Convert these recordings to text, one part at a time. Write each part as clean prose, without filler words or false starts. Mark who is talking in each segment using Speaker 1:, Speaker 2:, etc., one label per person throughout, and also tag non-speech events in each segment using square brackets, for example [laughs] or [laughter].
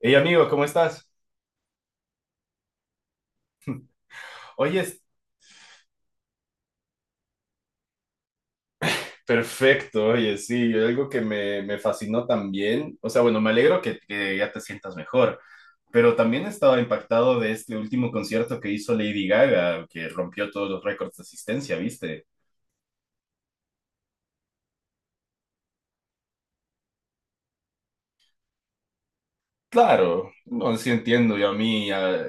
Speaker 1: Hey amigo, ¿cómo estás? Oye, es- Perfecto, oye, sí, algo que me fascinó también, o sea, bueno, me alegro que ya te sientas mejor, pero también estaba impactado de este último concierto que hizo Lady Gaga, que rompió todos los récords de asistencia, ¿viste? Claro, no, sí entiendo, yo a mí.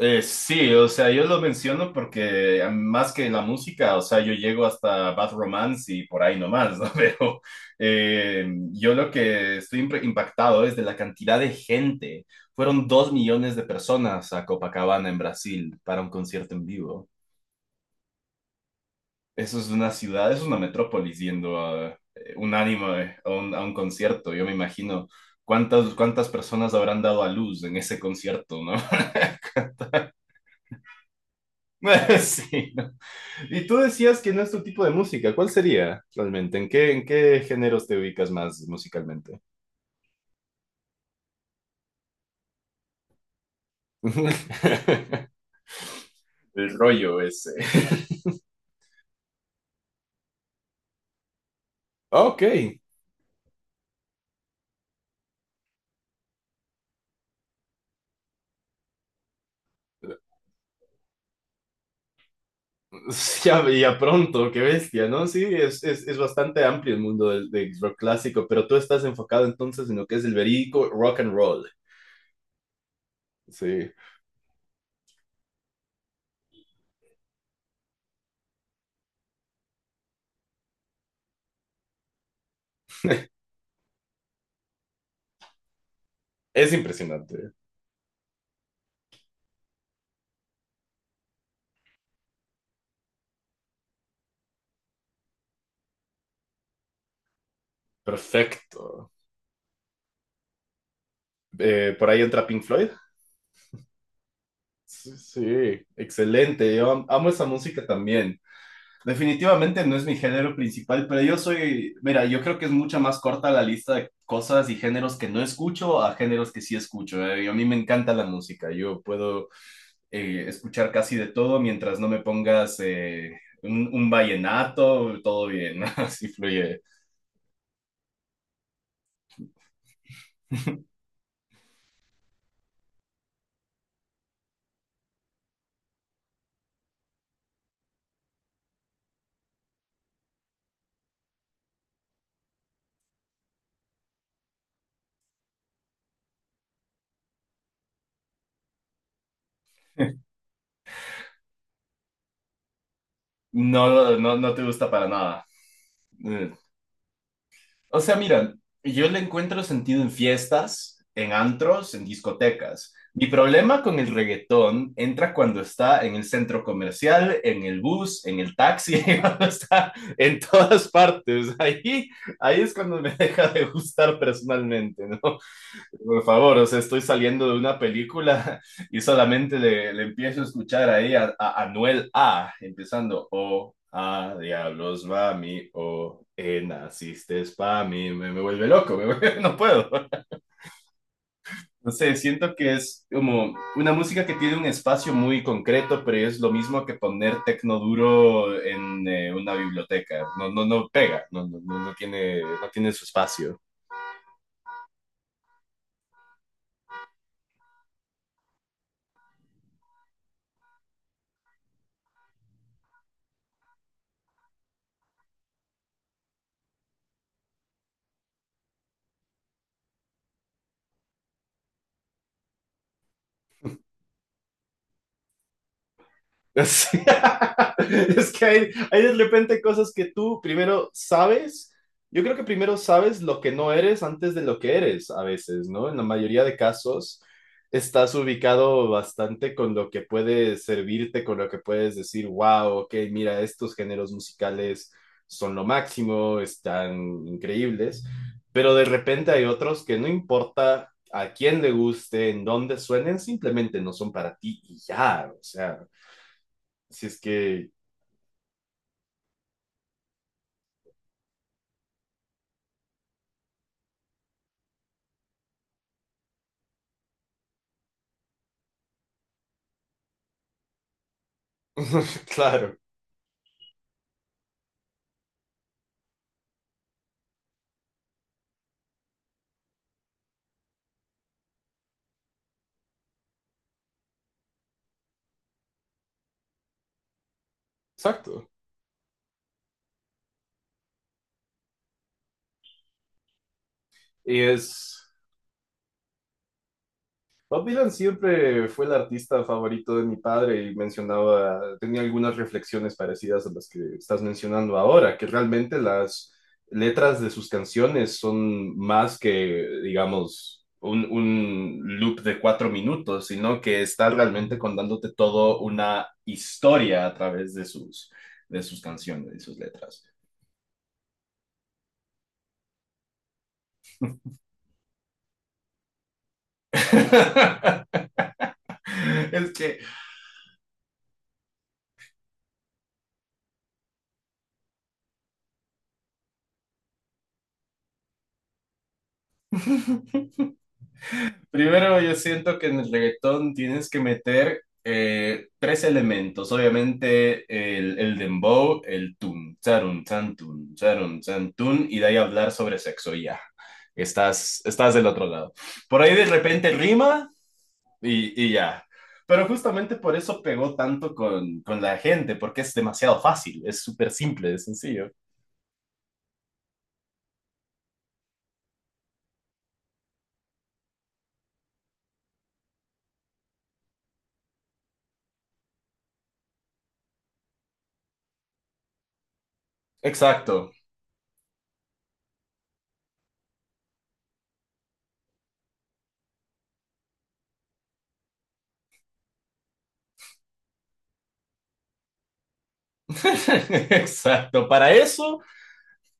Speaker 1: Sí, o sea, yo lo menciono porque más que la música, o sea, yo llego hasta Bad Romance y por ahí nomás, ¿no? [laughs] Pero eh, yo lo que estoy impactado es de la cantidad de gente. Fueron 2 millones de personas a Copacabana en Brasil para un concierto en vivo. Eso es una ciudad, es una metrópolis yendo a unánime a un concierto. Yo me imagino cuántas personas habrán dado a luz en ese concierto, ¿no? [laughs] Sí. ¿No? Y tú decías que no es tu tipo de música. ¿Cuál sería realmente? ¿En qué géneros te ubicas más musicalmente? [laughs] El rollo ese. Ok. [laughs] Ya, ya pronto, qué bestia, ¿no? Sí, es bastante amplio el mundo del rock clásico, pero tú estás enfocado entonces en lo que es el verídico rock and roll. Sí, es impresionante. Perfecto. Por ahí entra Pink Floyd. Sí, sí, excelente. Yo amo esa música también. Definitivamente no es mi género principal, pero yo soy, mira, yo creo que es mucho más corta la lista de cosas y géneros que no escucho a géneros que sí escucho. A mí me encanta la música, yo puedo escuchar casi de todo mientras no me pongas un vallenato, todo bien, [laughs] así fluye. No, no, no te gusta para nada. Eh, O sea, mira, yo le encuentro sentido en fiestas, en antros, en discotecas. Mi problema con el reggaetón entra cuando está en el centro comercial, en el bus, en el taxi, [laughs] cuando está en todas partes. Ahí, ahí es cuando me deja de gustar personalmente, ¿no? Por favor, o sea, estoy saliendo de una película [laughs] y solamente le empiezo a escuchar ahí a Anuel A, empezando, oh, ah, diablos, mami, oh, naciste pa' mí, me vuelve loco, [laughs] no puedo. No sé, siento que es como una música que tiene un espacio muy concreto, pero es lo mismo que poner tecno duro en una biblioteca, no, no, no pega, no, no, no tiene su espacio. Sí. [laughs] Es que hay de repente cosas que tú primero sabes. Yo creo que primero sabes lo que no eres antes de lo que eres a veces, ¿no? En la mayoría de casos estás ubicado bastante con lo que puede servirte, con lo que puedes decir, wow, ok, mira, estos géneros musicales son lo máximo, están increíbles, pero de repente hay otros que no importa a quién le guste, en dónde suenen, simplemente no son para ti y ya, o sea. Si es que, [laughs] claro, exacto. Y es, Bob Dylan siempre fue el artista favorito de mi padre y mencionaba, tenía algunas reflexiones parecidas a las que estás mencionando ahora, que realmente las letras de sus canciones son más que, digamos, un loop de 4 minutos, sino que está realmente contándote todo una historia a través de sus canciones y sus letras. [laughs] Es que [laughs] primero, yo siento que en el reggaetón tienes que meter tres elementos. Obviamente, el dembow, el tun, charun, chan, y de ahí hablar sobre sexo y ya. Estás, estás del otro lado. Por ahí de repente rima y ya. Pero justamente por eso pegó tanto con la gente, porque es demasiado fácil, es súper simple, es sencillo. Exacto. [laughs] Exacto. Para eso.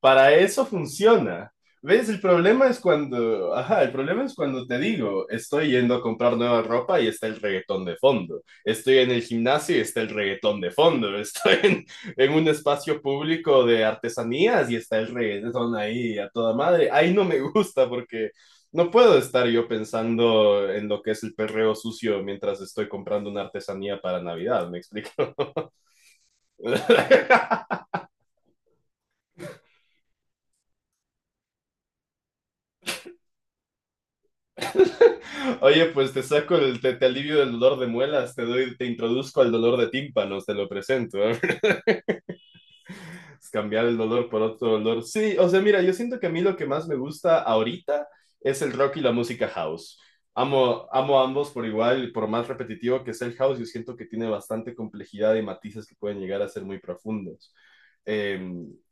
Speaker 1: Para eso funciona. ¿Ves? El problema es cuando, ajá, el problema es cuando te digo, estoy yendo a comprar nueva ropa y está el reggaetón de fondo. Estoy en el gimnasio y está el reggaetón de fondo. [laughs] Estoy en un espacio público de artesanías y está el reggaetón ahí a toda madre. Ahí no me [laughs] gusta porque no puedo estar yo pensando en lo que es el perreo sucio mientras estoy comprando una artesanía para Navidad, ¿me explico? [laughs] Oye, pues te saco el, te alivio del dolor de muelas, te doy, te introduzco al dolor de tímpanos, te lo presento. ¿Eh? [laughs] Cambiar el dolor por otro dolor. Sí, o sea, mira, yo siento que a mí lo que más me gusta ahorita es el rock y la música house. Amo, amo ambos por igual, y por más repetitivo que sea el house, yo siento que tiene bastante complejidad y matices que pueden llegar a ser muy profundos. Eh,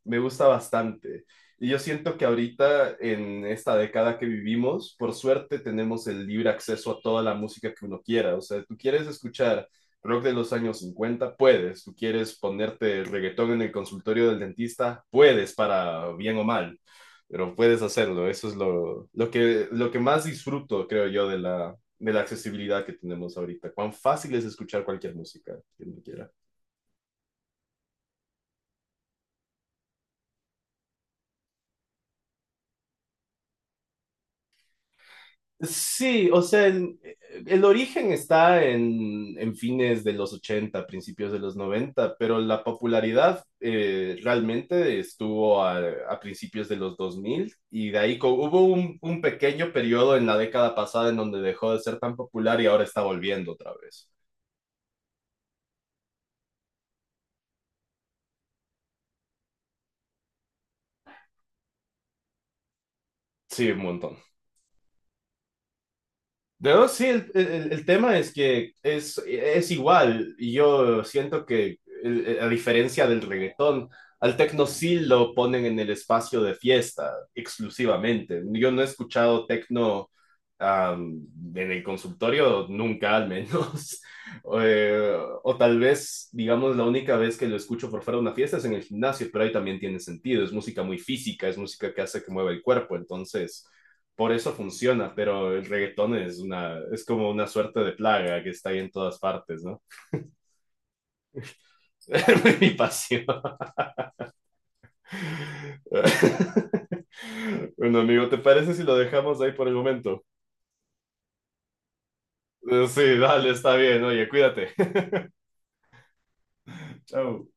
Speaker 1: me gusta bastante. Y yo siento que ahorita, en esta década que vivimos, por suerte tenemos el libre acceso a toda la música que uno quiera. O sea, tú quieres escuchar rock de los años 50, puedes. Tú quieres ponerte reggaetón en el consultorio del dentista, puedes para bien o mal, pero puedes hacerlo. Eso es lo que más disfruto, creo yo, de la accesibilidad que tenemos ahorita. Cuán fácil es escuchar cualquier música, quien quiera. Sí, o sea, el origen está en fines de los 80, principios de los 90, pero la popularidad realmente estuvo a principios de los 2000 y de ahí hubo un pequeño periodo en la década pasada en donde dejó de ser tan popular y ahora está volviendo otra vez. Sí, un montón. No, sí, el tema es que es igual. Y yo siento que, a diferencia del reggaetón, al tecno sí lo ponen en el espacio de fiesta exclusivamente. Yo no he escuchado tecno am, en el consultorio nunca, al menos. [laughs] O, o tal vez, digamos, la única vez que lo escucho por fuera de una fiesta es en el gimnasio, pero ahí también tiene sentido. Es música muy física, es música que hace que mueva el cuerpo. Entonces por eso funciona, pero el reggaetón es una, es como una suerte de plaga que está ahí en todas partes, ¿no? [laughs] Mi pasión. [laughs] Bueno, amigo, ¿te parece si lo dejamos ahí por el momento? Sí, dale, está bien, oye, cuídate. [laughs] Chao.